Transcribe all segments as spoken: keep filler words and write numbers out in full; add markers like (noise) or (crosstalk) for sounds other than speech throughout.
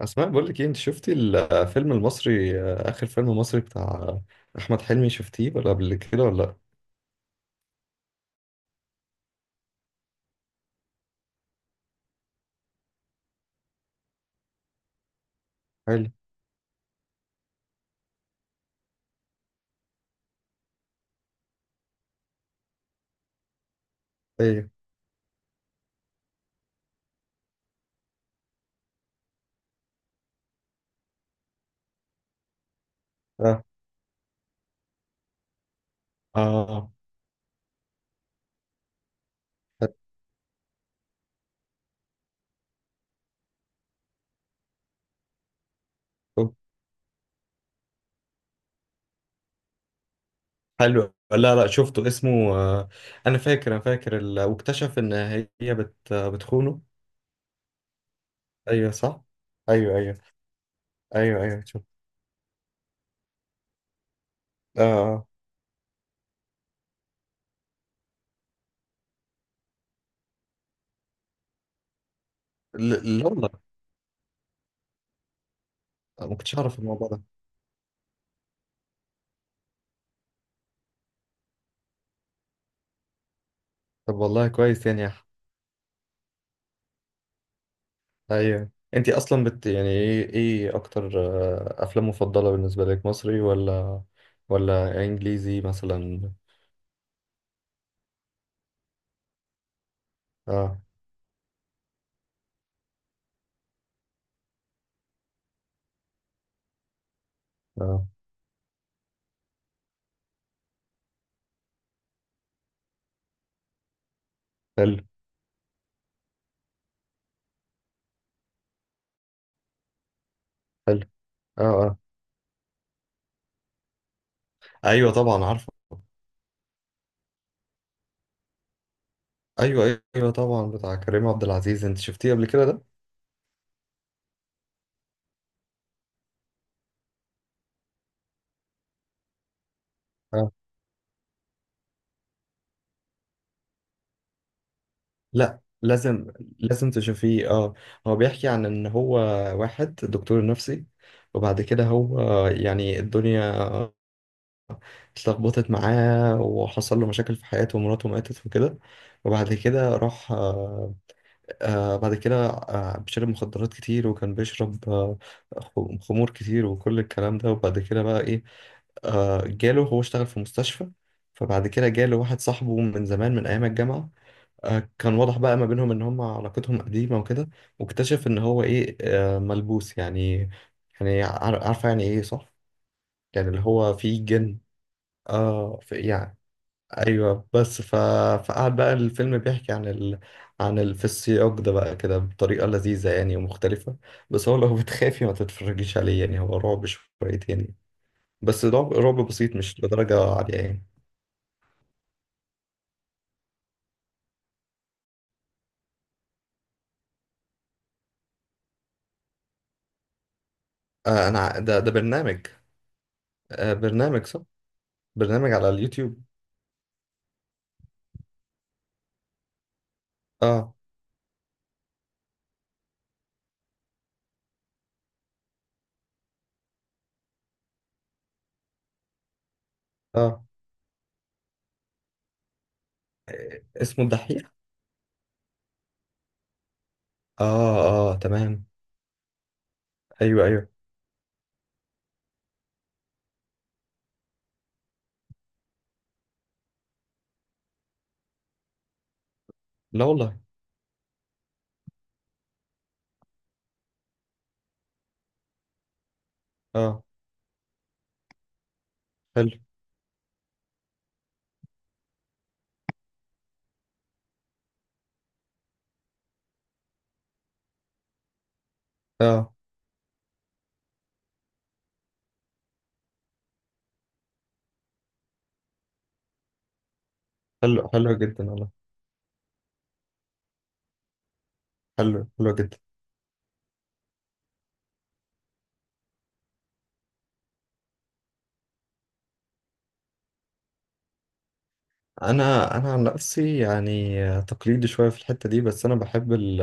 اسماء، بقول لك ايه، انت شفتي الفيلم المصري، اخر فيلم مصري بتاع احمد حلمي، شفتيه ولا قبل كده ولا لا؟ حلو. ايه. اه، اه. حلو، حلو. لا، لا، شفته. اسمه آه، انا فاكر انا فاكر ال- واكتشف ان هي بت بتخونه. ايوه، صح. ايوه، ايوه. ايوه، ايوه، شفت. اه، آه. لا، لا، والله ما كنتش اعرف الموضوع ده. طب، والله كويس يعني. ايوه، انت اصلا بت يعني ايه ايه اكتر آه، افلام مفضله بالنسبه لك، مصري ولا ولا انجليزي مثلا؟ اه، اه. حلو، حلو. اه، اه. ايوه، طبعا عارفه. ايوه، ايوه، طبعا، بتاع كريم عبد العزيز، انت شفتيه قبل كده ده؟ اه. لا، لازم، لازم تشوفيه اه. هو بيحكي عن ان هو واحد دكتور نفسي، وبعد كده هو يعني الدنيا اتلخبطت معاه وحصل له مشاكل في حياته ومراته ماتت وكده. وبعد كده راح آه، آه، بعد كده آه، بيشرب مخدرات كتير، وكان بيشرب آه، خ- خمور كتير وكل الكلام ده. وبعد كده بقى ايه، آه، جاله، هو اشتغل في مستشفى. فبعد كده جاله واحد صاحبه من زمان من ايام الجامعة. آه، كان واضح بقى ما بينهم ان هم علاقتهم قديمة وكده. واكتشف ان هو ايه، آه، ملبوس يعني. يعني عار- عارفة يعني ايه صح؟ يعني اللي هو فيه جن. اه، في يعني. ايوه. بس ف... فقعد بقى الفيلم بيحكي عن ال... عن ال... في السياق ده بقى كده بطريقه لذيذه يعني ومختلفه. بس هو لو (laughs) بتخافي ما تتفرجيش عليه، يعني هو رعب شويتين يعني. بس رعب، رعب بسيط، مش لدرجه عاليه يعني. آه، انا ع- ده ده برنامج. آه، برنامج صح. برنامج على اليوتيوب. اه، اه. آه، اسمه الدحيح. اه، اه، تمام. ايوه، ايوه. لا والله. اه. حلو. اه. حلو، حلو جدا والله. حلو، حلو جدا. انا انا عن نفسي يعني تقليدي شويه في الحته دي، بس انا بحب ال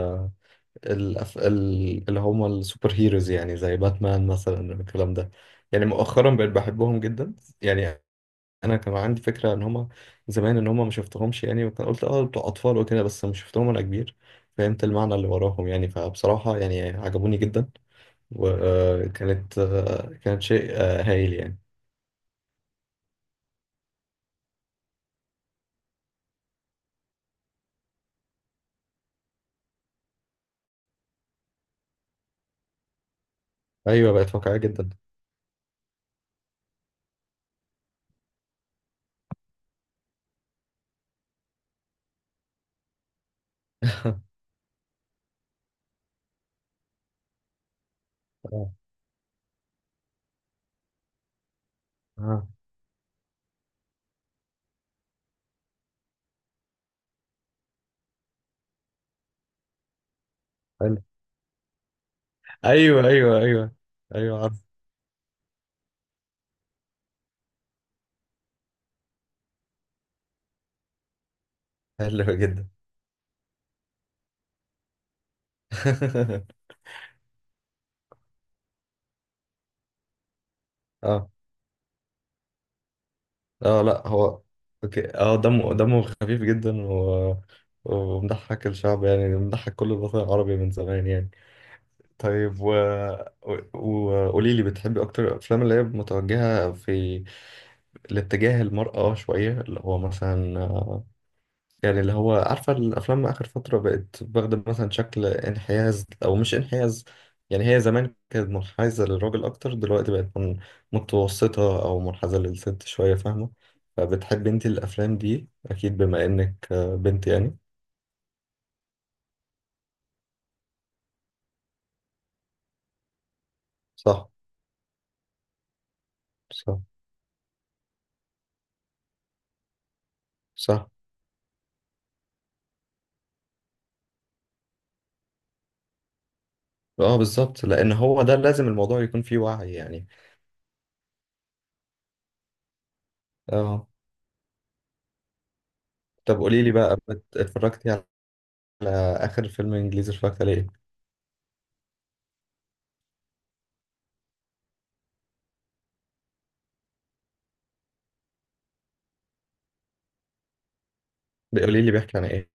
ال ال اللي هم السوبر هيروز، يعني زي باتمان مثلا، الكلام ده. يعني مؤخرا بقيت بحبهم جدا يعني. انا كان عندي فكره ان هم زمان، ان هم ما شفتهمش يعني، وكان قلت اه بتوع اطفال وكده، بس ما شفتهم وانا كبير، فهمت المعنى اللي وراهم يعني، فبصراحه يعني عجبوني جدا. وكانت كانت شيء آه، هايل يعني. ايوه، بقت واقعيه جدا. (laughs) اه، آه. حلو. ايوه، ايوه، ايوه، ايوه، عارف. حلو جدا. (laughs) اه، اه، لا، هو اوكي. اه، دمه دمه خفيف جدا و... ومضحك الشعب، يعني مضحك كل الوطن العربي من زمان يعني. طيب، و وقولي لي، بتحبي اكتر الافلام اللي هي متوجهه في الاتجاه المرأة شويه، اللي هو مثلا يعني اللي هو عارفة، الأفلام آخر فترة بقت واخدة مثلا شكل انحياز أو مش انحياز، يعني هي زمان كانت منحازة للراجل أكتر، دلوقتي بقت من- متوسطة أو منحازة للست شوية، فاهمة؟ فبتحب أنت الأفلام دي أكيد بما إنك آه، بنت يعني. صح، صح، صح. اه، بالظبط، لأن هو ده لازم الموضوع يكون فيه وعي يعني. اه. طب، قولي لي بقى بت- اتفرجتي على آخر فيلم إنجليزي اتفرجت عليه إيه؟ قولي لي بيحكي عن إيه؟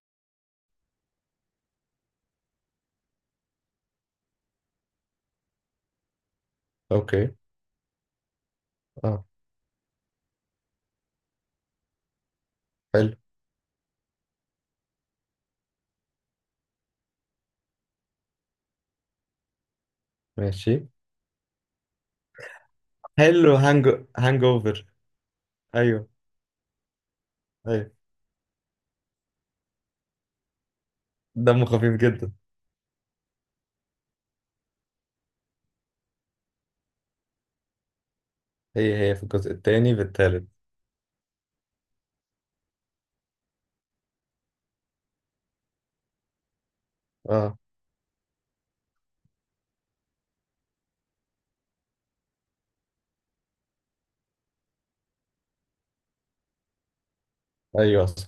أوكي. اه. حلو. ماشي. حلو، هانج هانج اوفر. ايوه، ايوه. دمه خفيف جدا. هي هي في الجزء الثاني في الثالث. اه. ايوه، صح.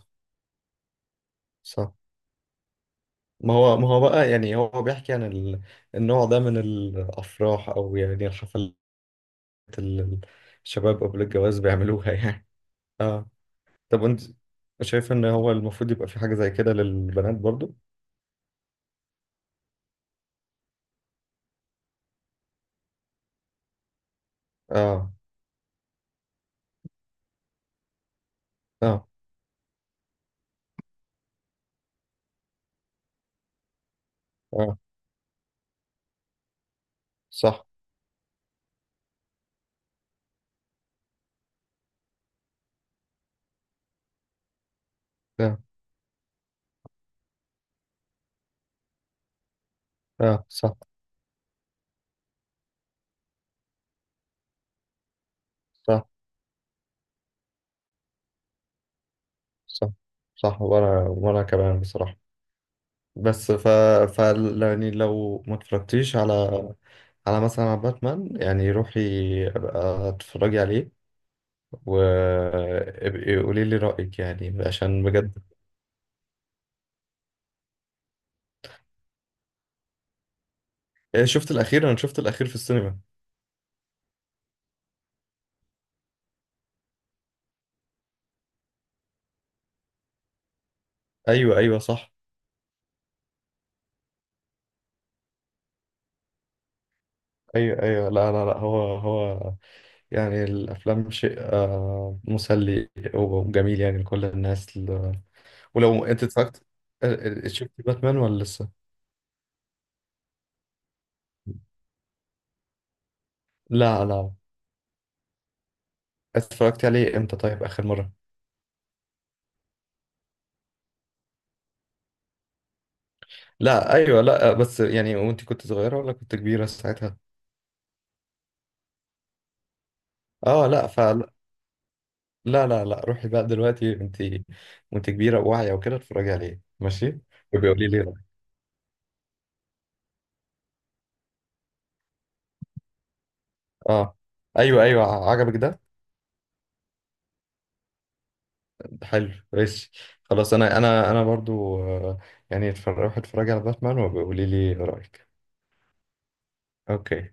صح. ما هو ما هو بقى يعني هو بيحكي عن ال... النوع ده من الافراح او يعني الحفلات اللي الشباب قبل الجواز بيعملوها (laughs) يعني. اه. طب، انت شايف ان هو المفروض يبقى في حاجة زي كده للبنات برضو؟ اه، اه، اه، صح. اه، اه. صح، صح، صح، صح، وانا وانا كمان بصراحة. بس ف... ف يعني لو ما اتفرجتيش على على مثلا على باتمان، يعني روحي ابقى اتفرجي عليه، وابقي قولي لي رأيك يعني عشان بجد. إيه، شفت الأخير، أنا شفت الأخير في السينما. أيوه، أيوه، صح. أيوه، أيوه، لا، لا، لا، هو هو يعني الأفلام شيء آه، مسلي وجميل يعني لكل الناس ل- ولو أنت اتفرجت آه، شفت باتمان ولا لسه؟ لا، لا. اتفرجت عليه امتى طيب آخر مرة؟ لا، ايوه، لا، بس يعني، وانت كنت صغيره ولا كنت كبيره ساعتها؟ اه، لا، فلا. لا، لا، لا، روحي بقى دلوقتي، وانت وانت كبيره وواعيه وكده، اتفرجي عليه ماشي. وبيقولي لي رأيك. اه، ايوه، ايوه، عجبك ده؟ حلو، ماشي. خلاص، انا انا انا برضو آه، يعني اتفرج روحي اتفرجي على باتمان وبيقولي لي رايك. اوكي.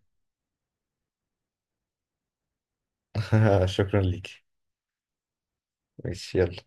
(laughs) شكرا ليكي. ماشي، يلا.